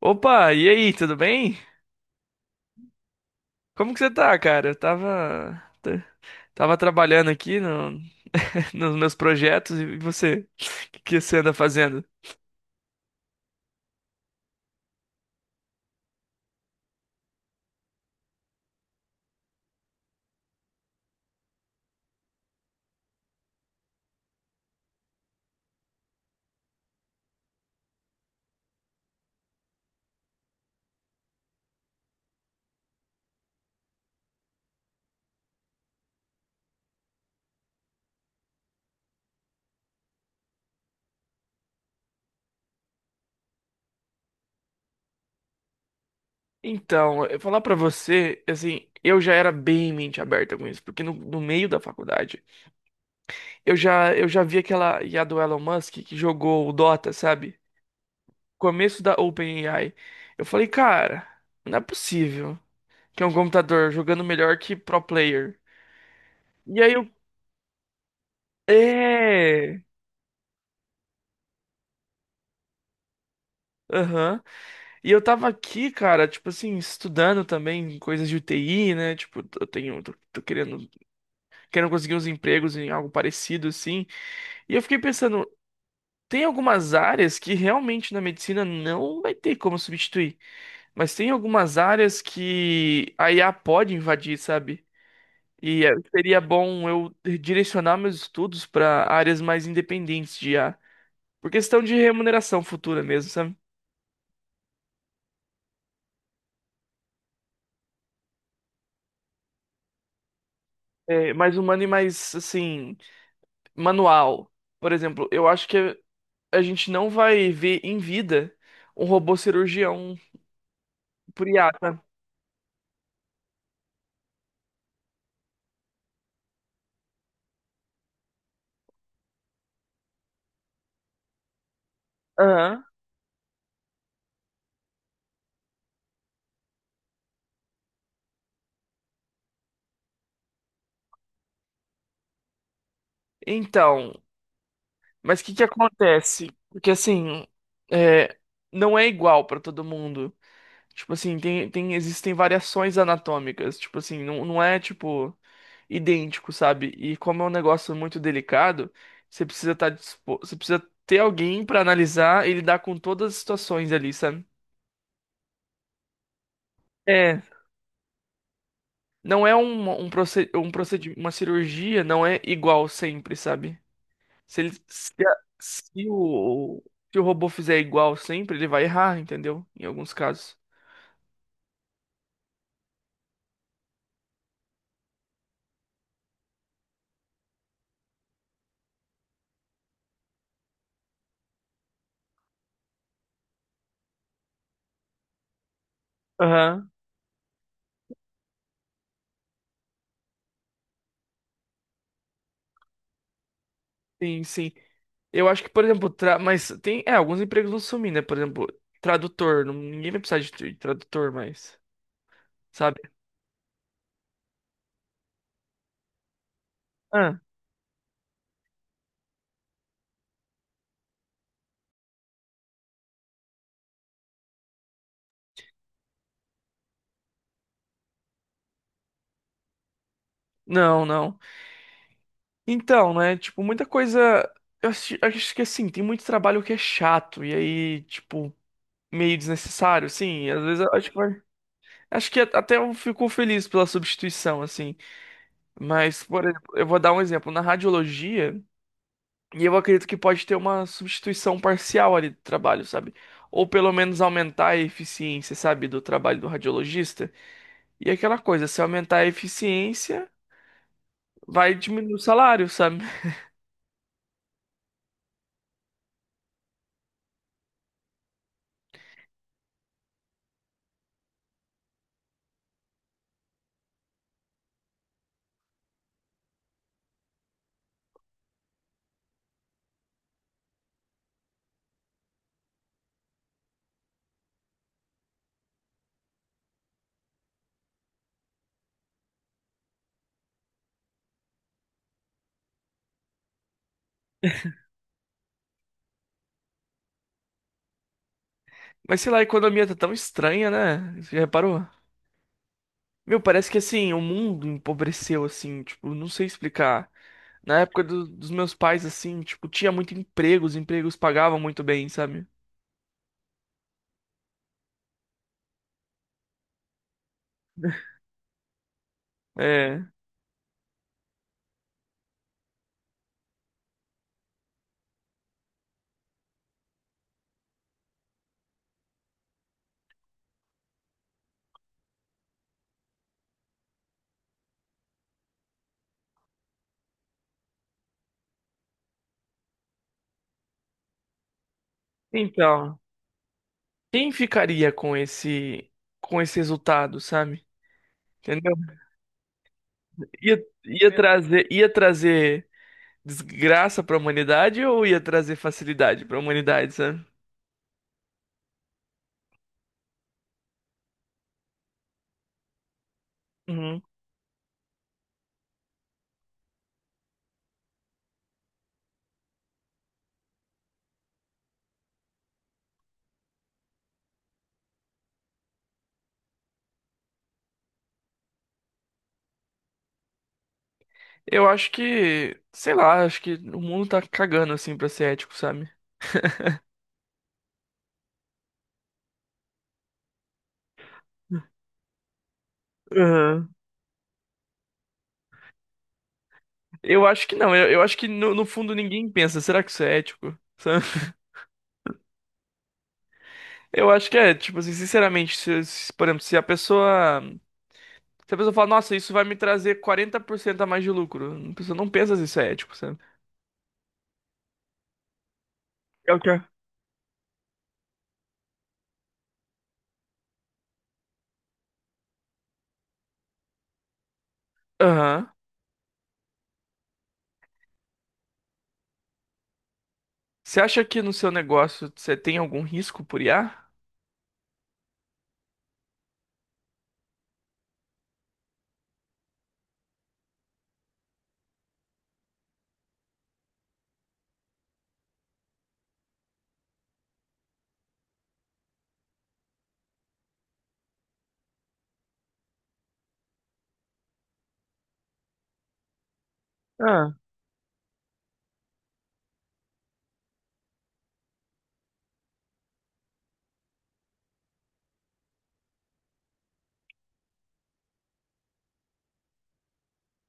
Opa, e aí, tudo bem? Como que você tá, cara? Tava trabalhando aqui no, nos meus projetos e você, o que que você anda fazendo? Então, eu falar pra você, assim, eu já era bem mente aberta com isso, porque no meio da faculdade, eu já vi aquela IA do Elon Musk que jogou o Dota, sabe? Começo da OpenAI. Eu falei, cara, não é possível que é um computador jogando melhor que pro player. E aí eu... É... Aham. E eu tava aqui, cara, tipo assim, estudando também coisas de UTI, né? Tipo, tô querendo, querendo conseguir uns empregos em algo parecido, assim. E eu fiquei pensando, tem algumas áreas que realmente na medicina não vai ter como substituir, mas tem algumas áreas que a IA pode invadir, sabe? E seria bom eu direcionar meus estudos para áreas mais independentes de IA, por questão de remuneração futura mesmo, sabe? É, mais humano e mais, assim. Manual. Por exemplo, eu acho que a gente não vai ver em vida um robô cirurgião por IA, tá? Aham. Então, mas o que que acontece? Porque assim, é, não é igual para todo mundo. Tipo assim, existem variações anatômicas. Tipo assim, não é tipo idêntico, sabe? E como é um negócio muito delicado, você precisa estar disposto, você precisa ter alguém para analisar e lidar com todas as situações ali, sabe? É, não é uma cirurgia, não é igual sempre, sabe? Se ele, se, a- se o, se o robô fizer igual sempre, ele vai errar, entendeu? Em alguns casos. Aham. Sim, sim. Eu acho que, por exemplo, mas tem, é, alguns empregos vão sumir, né? Por exemplo, tradutor, ninguém vai precisar de tradutor mais, sabe? Ah, não, não. Então, né, tipo, muita coisa, acho que assim, tem muito trabalho que é chato, e aí, tipo, meio desnecessário, assim. Às vezes eu acho que vai. Acho que até eu fico feliz pela substituição, assim. Mas, por exemplo, eu vou dar um exemplo. Na radiologia, e eu acredito que pode ter uma substituição parcial ali do trabalho, sabe? Ou pelo menos aumentar a eficiência, sabe, do trabalho do radiologista. E aquela coisa, se aumentar a eficiência, vai diminuir o salário, sabe? Mas sei lá, a economia tá tão estranha, né? Você já reparou? Meu, parece que assim, o mundo empobreceu, assim, tipo, não sei explicar. Na época dos meus pais, assim, tipo, tinha muito emprego, os empregos pagavam muito bem, sabe? É. Então, quem ficaria com esse resultado, sabe? Entendeu? Ia, ia trazer desgraça pra humanidade ou ia trazer facilidade pra humanidade, sabe? Uhum. Eu acho que, sei lá, acho que o mundo tá cagando assim pra ser ético, sabe? Uhum. Eu acho que no fundo ninguém pensa, será que isso é ético? Eu acho que é, tipo assim, sinceramente, se, por exemplo, se a pessoa. Se a pessoa fala, nossa, isso vai me trazer 40% a mais de lucro, a pessoa não pensa se isso é ético, sabe? É o quê? Aham. Você acha que no seu negócio você tem algum risco por IA? Ah,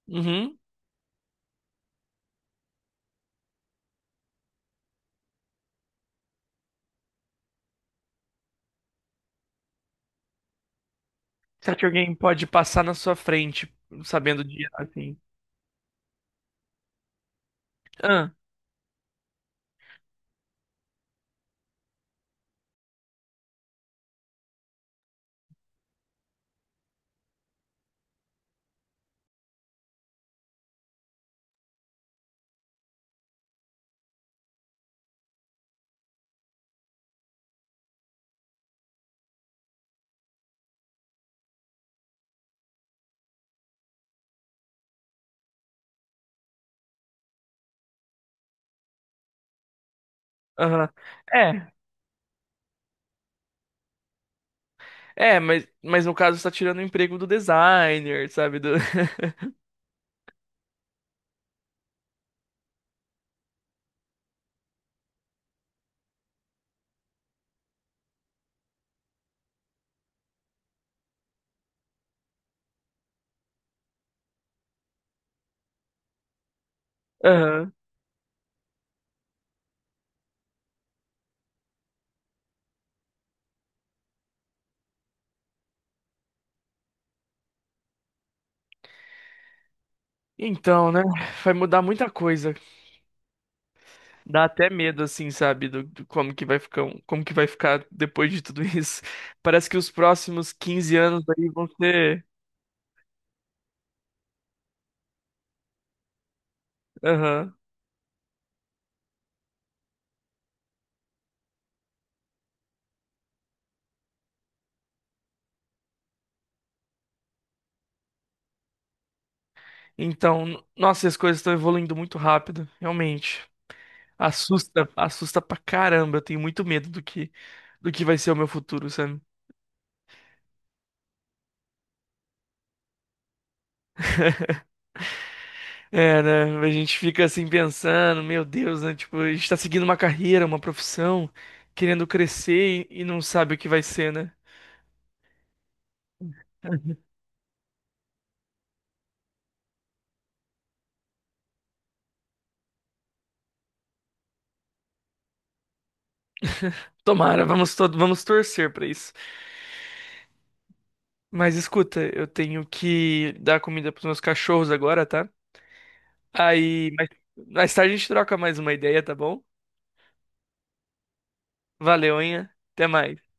uhum. Será que alguém pode passar na sua frente sabendo de IA, assim? Ah, aham. É. É, mas no caso você tá tirando o emprego do designer, sabe? Do... Aham. Então, né? Vai mudar muita coisa. Dá até medo, assim, sabe, do como que vai ficar, como que vai ficar depois de tudo isso. Parece que os próximos 15 anos aí vão ser. Aham. Então, nossa, as coisas estão evoluindo muito rápido, realmente. Assusta, assusta pra caramba. Eu tenho muito medo do que vai ser o meu futuro, sabe? É, né? A gente fica assim pensando, meu Deus, né? Tipo, a gente tá seguindo uma carreira, uma profissão, querendo crescer e não sabe o que vai ser, né? Tomara, vamos torcer pra isso. Mas escuta, eu tenho que dar comida pros meus cachorros agora, tá? Aí, mais, mais tarde a gente troca mais uma ideia, tá bom? Valeu, hein? Até mais.